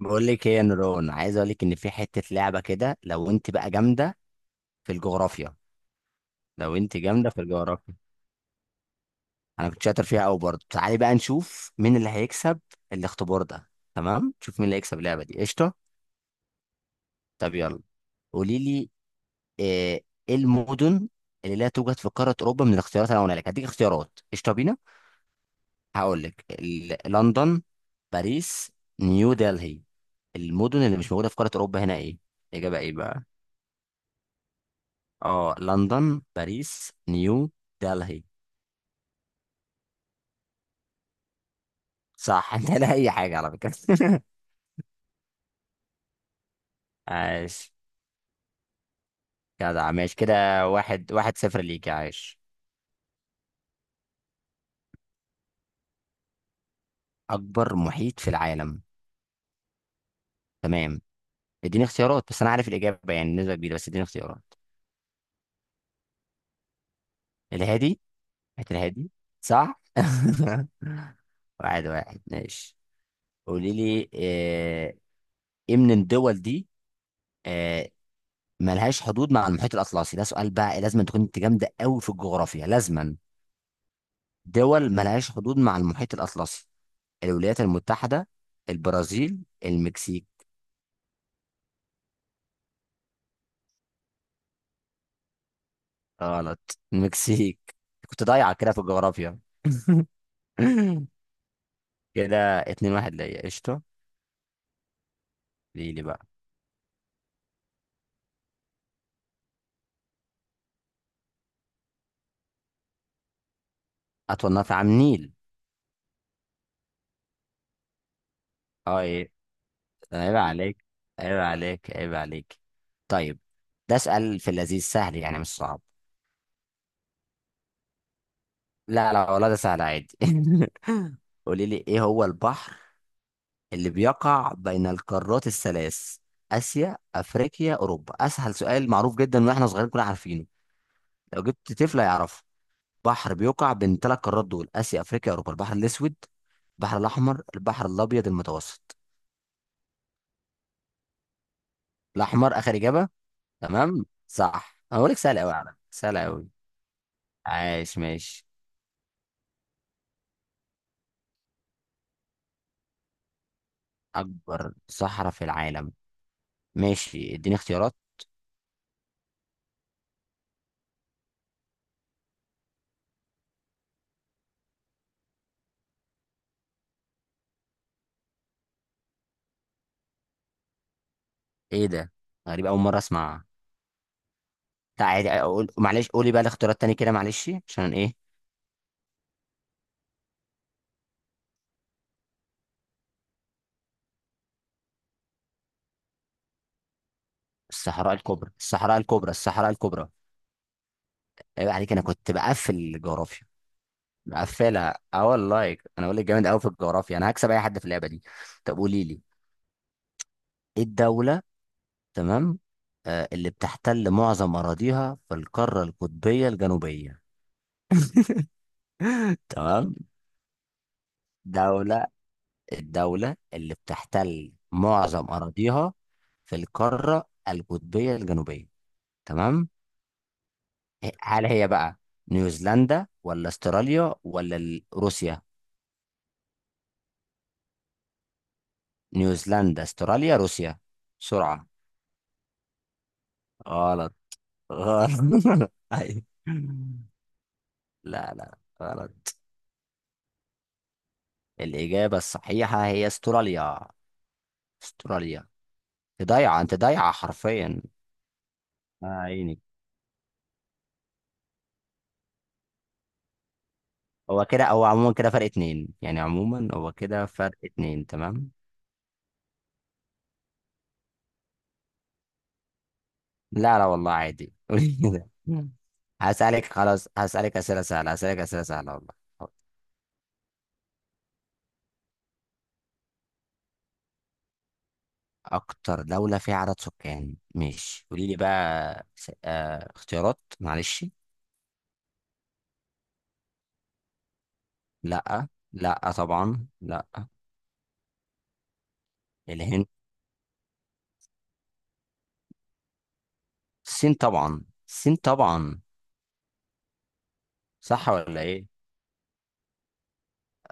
بقول لك ايه يا نوران، عايز اقول لك ان في حته لعبه كده. لو انت بقى جامده في الجغرافيا. لو انت جامده في الجغرافيا، انا كنت شاطر فيها قوي برضه. تعالي بقى نشوف مين اللي هيكسب الاختبار ده. تمام، نشوف مين اللي هيكسب اللعبه دي. قشطه، طب يلا. قولي لي إيه المدن اللي لا توجد في قاره اوروبا؟ من الاختيارات اللي انا هقولها لك، هديك اختيارات. قشطه بينا. هقول لك لندن، باريس، نيو دلهي. المدن اللي مش موجوده في قاره اوروبا هنا ايه؟ الاجابه ايه بقى؟ اه، لندن، باريس، نيو دلهي. صح انت لا اي حاجه على فكره عاش، جدع، ماشي كده. واحد واحد صفر ليك يا عاش. اكبر محيط في العالم. تمام، اديني اختيارات، بس انا عارف الاجابه يعني نسبه كبيره، بس اديني اختيارات. الهادي، محيط الهادي. صح واحد واحد ماشي. قولي لي، ايه من الدول دي آه، ملهاش حدود مع المحيط الاطلسي؟ ده سؤال بقى، لازم تكون انت جامده قوي في الجغرافيا لازما. دول ملهاش حدود مع المحيط الأطلسي: الولايات المتحدة، البرازيل، المكسيك. غلط، المكسيك. كنت ضايع كده في الجغرافيا كده اتنين واحد ليا. قشطة، ليه لي بقى. أطول نهر في عام النيل. اه ايه. عيب عليك، عيب عليك، عيب عليك. طيب، ده اسأل في اللذيذ سهل يعني مش صعب. لا لا والله، ده سهل عادي قولي لي ايه هو البحر اللي بيقع بين القارات الثلاث، آسيا، أفريقيا، أوروبا؟ أسهل سؤال، معروف جدا وإحنا صغيرين كنا عارفينه. لو جبت طفل هيعرفه. بحر بيقع بين ثلاث قارات دول، آسيا، أفريقيا، أوروبا: البحر الأسود، البحر الأحمر، البحر الأبيض المتوسط. الأحمر آخر إجابة. تمام، صح. أنا بقول لك سهل أوي على فكرة، سهل أوي. عايش ماشي. أكبر صحراء في العالم. ماشي، اديني اختيارات. إيه ده؟ غريب، أول مرة أسمعها. تعالي أقول، معلش قولي بقى الاختيارات تاني كده، معلش عشان إيه. الصحراء الكبرى، الصحراء الكبرى، الصحراء الكبرى. عيب عليك، انا كنت بقفل الجغرافيا. مقفلها اه والله. انا بقول لك جامد قوي في الجغرافيا، انا هكسب اي حد في اللعبه دي. طب قولي لي ايه الدوله. تمام. آه، اللي بتحتل معظم اراضيها في القاره القطبيه الجنوبيه. تمام. دوله الدوله اللي بتحتل معظم اراضيها في القاره القطبيه الجنوبيه. تمام. إيه، هل هي بقى نيوزيلندا ولا استراليا ولا روسيا؟ نيوزيلندا، استراليا، روسيا. بسرعة. غلط. غلط أيوة. لا لا، غلط. الإجابة الصحيحة هي استراليا، استراليا. انت ضايعة، انت ضايعة حرفيا. آه، عيني. هو كده، هو عموما كده فرق اتنين يعني، عموما هو كده فرق اتنين. تمام. لا لا والله عادي قولي كده. هسألك، خلاص هسألك أسئلة سهلة، هسألك أسئلة سهلة والله. اكتر دولة فيها عدد سكان. ماشي، قولي لي بقى اختيارات، معلش. لا، لا طبعا لا. الهند. الصين طبعا، الصين طبعا. صح ولا ايه؟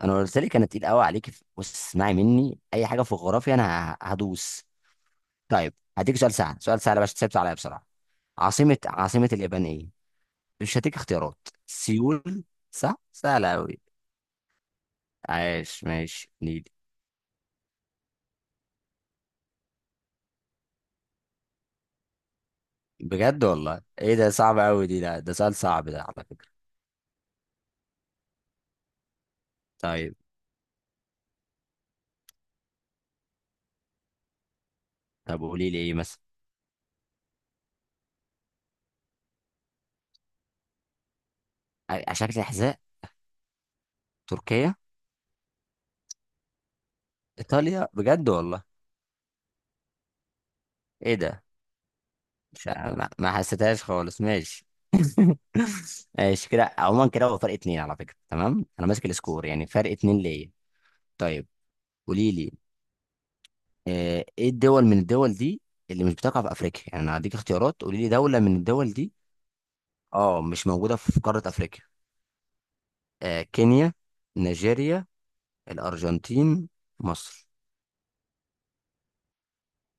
انا قلت لك انا تقيل قوي عليك. بص اسمعي مني، اي حاجة في الجغرافيا انا هدوس. طيب هديك سؤال سهل، سؤال سهل، باش تسيبت عليا بسرعة. عاصمة، عاصمة اليابان ايه؟ مش هديك اختيارات. سيول. صح، سهلة قوي. عايش ماشي. بجد والله، ايه ده صعب قوي دي، لا ده سؤال صعب ده على فكرة. طيب، طب قولي لي ايه مثلا. على شكل حذاء. تركيا، ايطاليا. بجد والله، ايه ده؟ مش ما حسيتهاش خالص، ماشي ماشي كده، عموما كده هو فرق اتنين على فكرة. تمام، انا ماسك السكور يعني فرق اتنين ليا. طيب قولي لي، ايه الدول من الدول دي اللي مش بتقع في افريقيا؟ يعني انا هديك اختيارات، قولي لي دولة من الدول دي. اه، مش موجودة في قارة افريقيا. كينيا، نيجيريا، الارجنتين، مصر.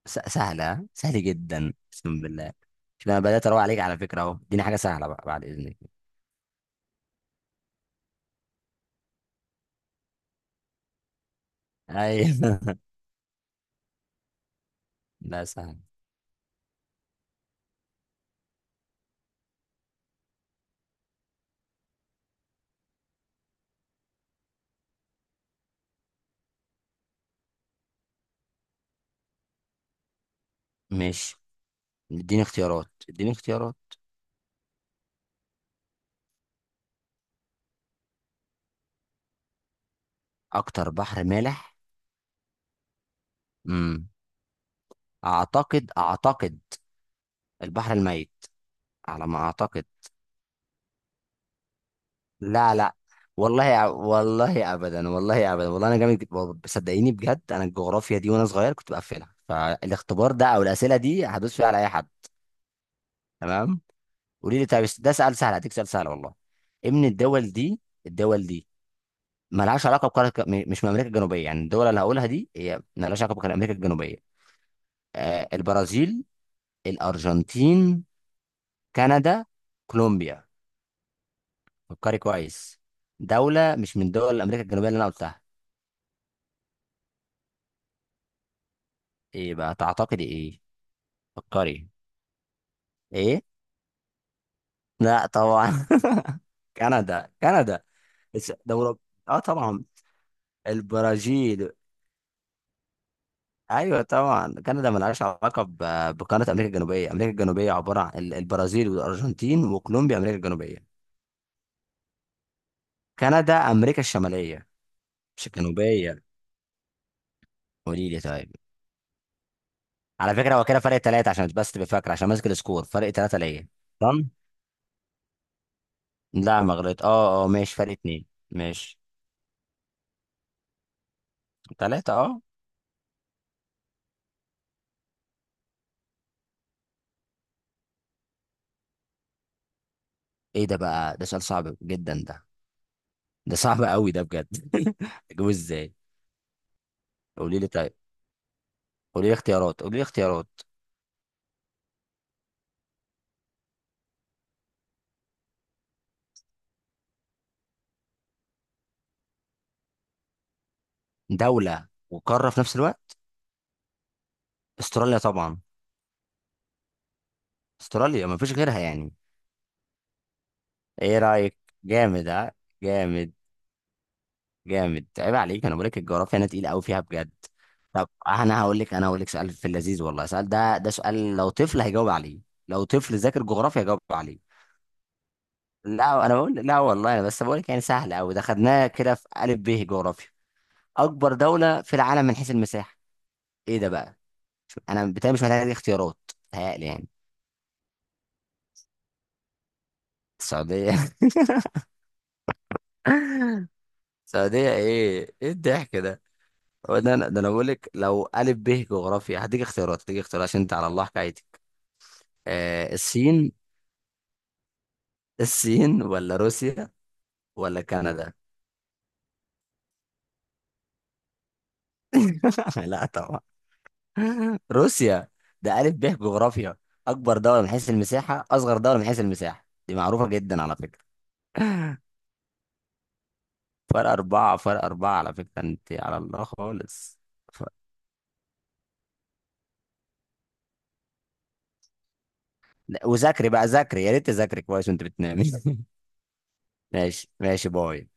سهلة، سهلة جدا اقسم بالله. شوف، انا بدأت اروق عليك على فكرة اهو، اديني حاجة سهلة بقى بعد اذنك. ايوه لا سهل. ماشي، اديني اختيارات، اديني اختيارات. اكتر بحر مالح. امم، اعتقد البحر الميت، على ما اعتقد. لا لا، والله والله ابدا، والله ابدا، والله انا جامد صدقيني بجد، انا الجغرافيا دي وانا صغير كنت بقفلها، فالاختبار ده او الاسئله دي هدوس فيها على اي حد. تمام. قولي لي، طب ده سؤال سهل، هديك سؤال سهل والله. ايه من الدول دي، الدول دي مالهاش علاقه بقاره، مش من امريكا الجنوبيه؟ يعني الدول اللي هقولها دي هي مالهاش علاقه بامريكا الجنوبيه. آه، البرازيل، الارجنتين، كندا، كولومبيا. فكري كويس. دوله مش من دول امريكا الجنوبيه اللي انا قلتها. ايه بقى تعتقدي ايه؟ فكري. ايه؟ لا طبعا. كندا، كندا. بس ده اه طبعا. البرازيل. ايوه طبعا، كندا ملهاش علاقه بقاره امريكا الجنوبيه. امريكا الجنوبيه عباره عن البرازيل والارجنتين وكولومبيا. امريكا الجنوبيه. كندا امريكا الشماليه، مش الجنوبيه. قولي لي طيب. على فكره هو كده فرق ثلاثه، عشان بس تبقى فاكره، عشان ماسك السكور فرق ثلاثه ليا. تمام. لا ما غلط، اه اه، ماشي فرق اتنين، ماشي. ثلاثه اه. ايه ده بقى؟ ده صعب قوي ده بجد. اجيبه ازاي؟ قولي لي طيب، قولي لي اختيارات، قولي لي اختيارات. دوله وقاره في نفس الوقت. استراليا طبعا، استراليا مفيش غيرها يعني. ايه رايك؟ جامد ها؟ جامد، جامد. عيب عليك، انا بقول لك الجغرافيا انا تقيل قوي فيها بجد. طب انا هقول لك، انا هقول لك سؤال في اللذيذ والله، سؤال ده سؤال لو طفل هيجاوب عليه. لو طفل ذاكر جغرافيا هيجاوب عليه. لا انا بقول، لا والله، انا بس بقول لك يعني سهل قوي، ده خدناه كده في الف ب جغرافيا. اكبر دوله في العالم من حيث المساحه. ايه ده بقى؟ شوف، انا بتهيألي مش محتاج اختيارات، بتهيألي يعني. السعوديه السعوديه، ايه ايه الضحك ده؟ هو ده انا ده انا بقول لك، لو الف ب جغرافيا هديك اختيارات، هديك اختيارات عشان انت على الله حكايتك. آه، الصين، الصين ولا روسيا ولا كندا. لا طبعا. روسيا. ده الف ب جغرافيا. اكبر دوله من حيث المساحه، اصغر دوله من حيث المساحه، دي معروفه جدا على فكره فرق أربعة، فرق أربعة على فكرة، أنت على الله خالص. ف... لا، وذاكري بقى، ذاكري، يا ريت تذاكري كويس وأنت بتنامي ماشي، ماشي، باي.